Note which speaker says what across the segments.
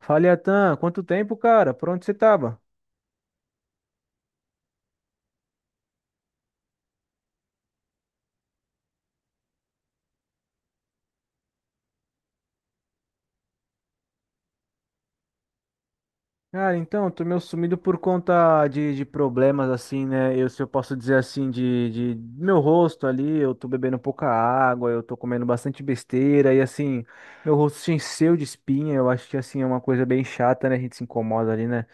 Speaker 1: Fala, Atan, quanto tempo, cara? Por onde você tava? Cara, então, eu tô meio sumido por conta de problemas, assim, né? Eu, se eu posso dizer assim, de do meu rosto ali, eu tô bebendo pouca água, eu tô comendo bastante besteira, e assim, meu rosto se encheu de espinha, eu acho que, assim, é uma coisa bem chata, né? A gente se incomoda ali, né?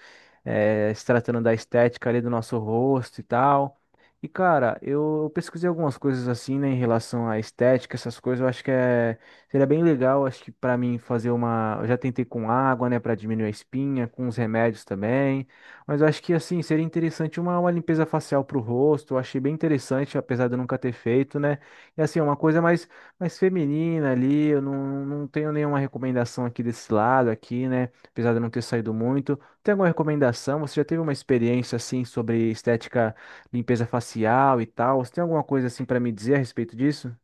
Speaker 1: Se tratando da estética ali do nosso rosto e tal. E, cara, eu pesquisei algumas coisas assim, né, em relação à estética, essas coisas, eu acho que é, seria bem legal, acho que para mim fazer uma, eu já tentei com água, né, para diminuir a espinha, com os remédios também, mas eu acho que, assim, seria interessante uma limpeza facial pro rosto, eu achei bem interessante, apesar de eu nunca ter feito, né, e assim, é uma coisa mais, mais feminina ali, eu não tenho nenhuma recomendação aqui desse lado aqui, né, apesar de eu não ter saído muito, tem alguma recomendação? Você já teve uma experiência assim sobre estética, limpeza facial e tal? Você tem alguma coisa assim para me dizer a respeito disso?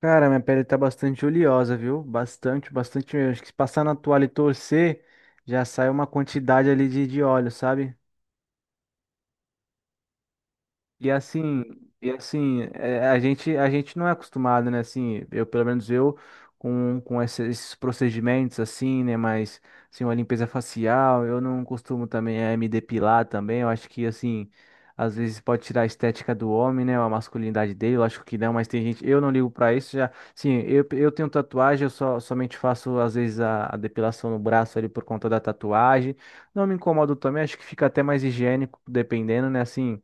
Speaker 1: Cara, minha pele tá bastante oleosa, viu? Bastante, bastante mesmo. Acho que se passar na toalha e torcer, já sai uma quantidade ali de óleo, sabe? E assim, e assim, é, a gente não é acostumado, né? Assim, eu, pelo menos eu, com esses procedimentos assim, né? Mas, assim, uma limpeza facial, eu não costumo também me depilar também. Eu acho que, assim, às vezes pode tirar a estética do homem, né? A masculinidade dele, eu acho que não, mas tem gente, eu não ligo pra isso. Já, sim, eu tenho tatuagem, eu só, somente faço, às vezes, a depilação no braço ali por conta da tatuagem. Não me incomodo também, acho que fica até mais higiênico, dependendo, né? Assim.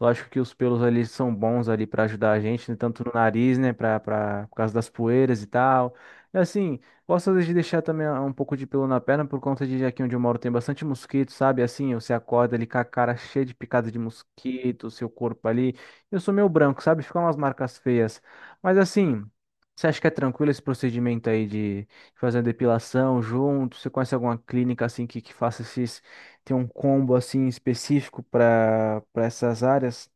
Speaker 1: Lógico que os pelos ali são bons ali para ajudar a gente, né? Tanto no nariz, né? Para por causa das poeiras e tal. E assim, gosto às vezes de deixar também um pouco de pelo na perna por conta de aqui onde eu moro tem bastante mosquito, sabe? Assim, você acorda ali com a cara cheia de picada de mosquito, seu corpo ali. Eu sou meio branco, sabe? Ficam umas marcas feias. Mas assim, você acha que é tranquilo esse procedimento aí de fazer a depilação junto? Você conhece alguma clínica assim que faça esses tem um combo assim específico para essas áreas?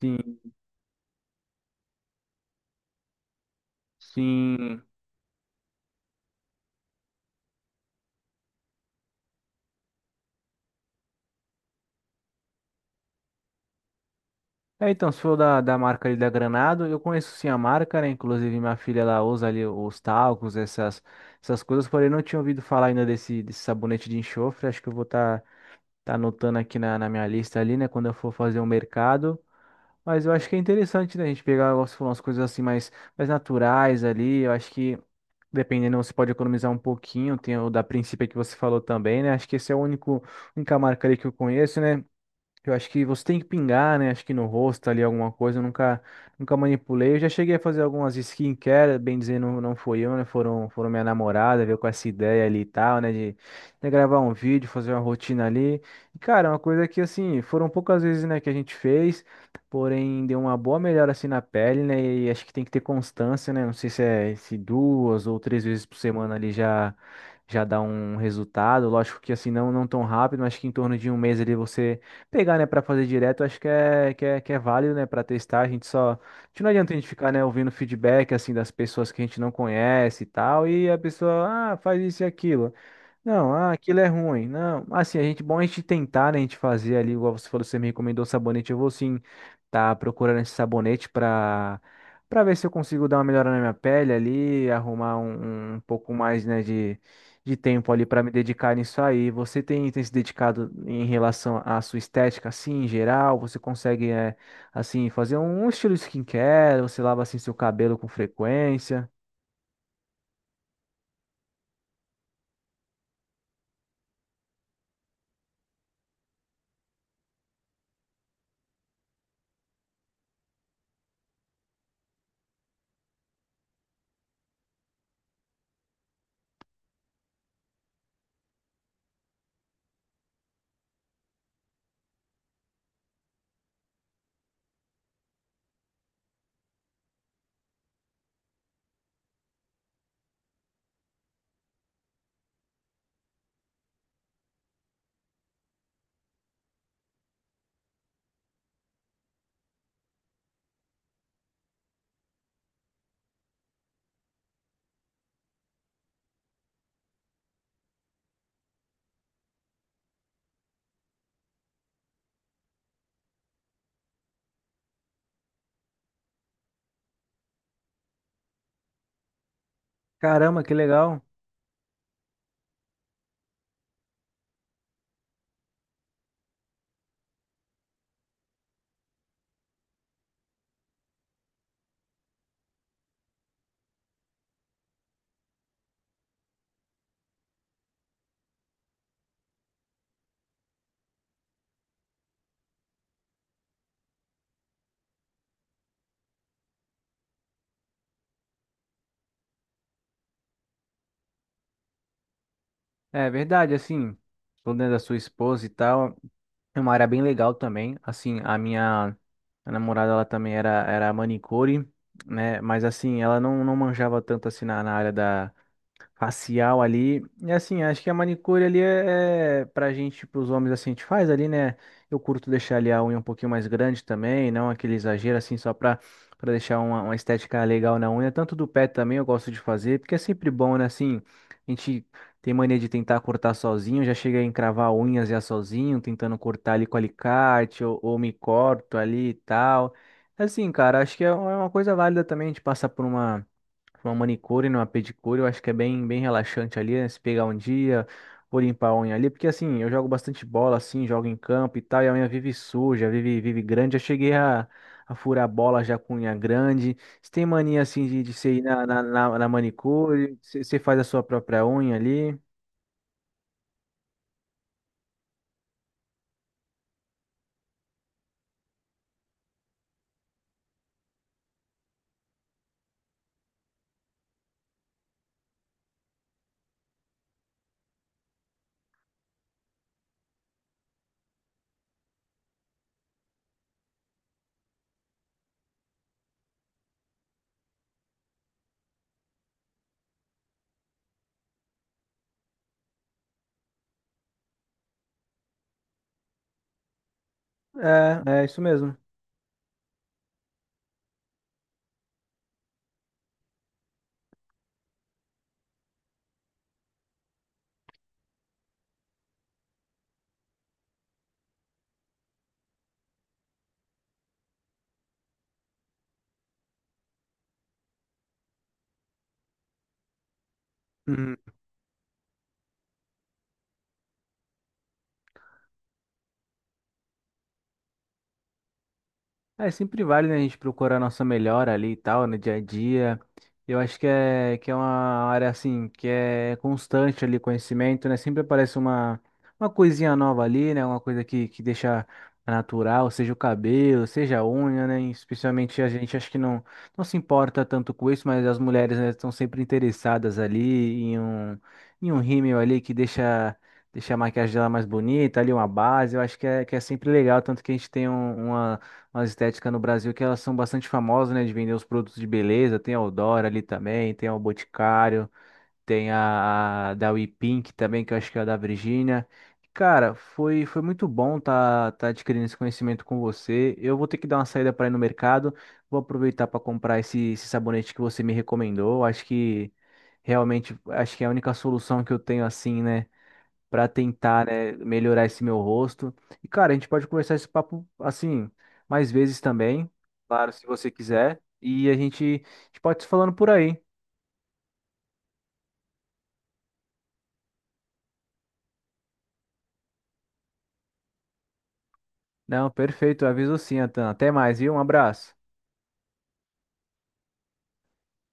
Speaker 1: Sim, sim. É, então, se for da marca ali da Granado, eu conheço sim a marca, né? Inclusive minha filha ela usa ali os talcos, essas, essas coisas, porém não tinha ouvido falar ainda desse sabonete de enxofre. Acho que eu vou estar tá, tá anotando aqui na minha lista ali, né? Quando eu for fazer o mercado. Mas eu acho que é interessante, né? A gente pegar, igual você falou, umas coisas assim mais, mais naturais ali. Eu acho que dependendo, você pode economizar um pouquinho. Tem o da Princípio que você falou também, né? Acho que esse é o único, única marca ali que eu conheço, né? Eu acho que você tem que pingar, né? Acho que no rosto ali alguma coisa. Eu nunca, nunca manipulei. Eu já cheguei a fazer algumas skincare, bem dizendo, não não foi eu, né? Foram, foram minha namorada, veio com essa ideia ali e tal, né? De gravar um vídeo, fazer uma rotina ali. E, cara, é uma coisa que, assim, foram poucas vezes, né, que a gente fez, porém deu uma boa melhora, assim, na pele, né? E acho que tem que ter constância, né? Não sei se é se duas ou três vezes por semana ali já. Já dá um resultado, lógico que assim, não, não tão rápido, mas que em torno de um mês ali você pegar, né, para fazer direto, acho que é, que é, que é válido, né, para testar. A gente só. A gente não adianta a gente ficar, né, ouvindo feedback, assim, das pessoas que a gente não conhece e tal, e a pessoa, ah, faz isso e aquilo. Não, ah, aquilo é ruim. Não, assim, a gente, bom a gente tentar, né, a gente fazer ali, igual você falou, você me recomendou o sabonete, eu vou sim tá procurando esse sabonete pra, pra ver se eu consigo dar uma melhora na minha pele ali, arrumar um, um um pouco mais, né, de tempo ali pra me dedicar nisso aí. Você tem, tem se dedicado em relação à sua estética, assim, em geral? Você consegue, é, assim, fazer um estilo skincare? Você lava, assim, seu cabelo com frequência? Caramba, que legal! É verdade, assim, falando da sua esposa e tal, é uma área bem legal também. Assim, a minha a namorada, ela também era manicure, né? Mas assim, ela não, não manjava tanto assim na área da, facial ali. E assim, acho que a manicure ali é, é pra gente, pros homens assim, a gente faz ali, né? Eu curto deixar ali a unha um pouquinho mais grande também, não aquele exagero assim, só pra, pra deixar uma estética legal na unha. Tanto do pé também eu gosto de fazer, porque é sempre bom, né? Assim, a gente tem mania de tentar cortar sozinho, já chega a encravar unhas já sozinho, tentando cortar ali com alicate ou me corto ali e tal. Assim, cara, acho que é uma coisa válida também a gente passar por uma. Uma manicure, né, uma pedicure, eu acho que é bem, bem relaxante ali, né? Se pegar um dia, vou limpar a unha ali, porque assim, eu jogo bastante bola, assim, jogo em campo e tal, e a unha vive suja, vive, vive grande. Já cheguei a furar a bola já com unha grande. Você tem mania, assim, de você ir na manicure, você faz a sua própria unha ali? É, é isso mesmo. É, sempre vale, né, a gente procurar a nossa melhora ali e tal, no dia a dia. Eu acho que é uma área, assim, que é constante ali, conhecimento, né? Sempre aparece uma coisinha nova ali, né? Uma coisa que deixa natural, seja o cabelo, seja a unha, né? Especialmente a gente, acho que não, não se importa tanto com isso, mas as mulheres, né, estão sempre interessadas ali em um rímel ali que deixa... Deixa a maquiagem dela mais bonita, ali uma base, eu acho que é sempre legal, tanto que a gente tem um, uma, as estéticas no Brasil que elas são bastante famosas, né, de vender os produtos de beleza. Tem a Eudora ali também, tem a o Boticário, tem a da We Pink também, que eu acho que é a da Virgínia. Cara, foi, foi muito bom tá, tá adquirindo esse conhecimento com você. Eu vou ter que dar uma saída para ir no mercado. Vou aproveitar para comprar esse, esse sabonete que você me recomendou. Acho que realmente acho que é a única solução que eu tenho assim, né? Para tentar, né, melhorar esse meu rosto. E, cara, a gente pode conversar esse papo assim mais vezes também, claro, se você quiser. E a gente pode se falando por aí. Não, perfeito, aviso sim, Atan. Até mais, viu? Um abraço.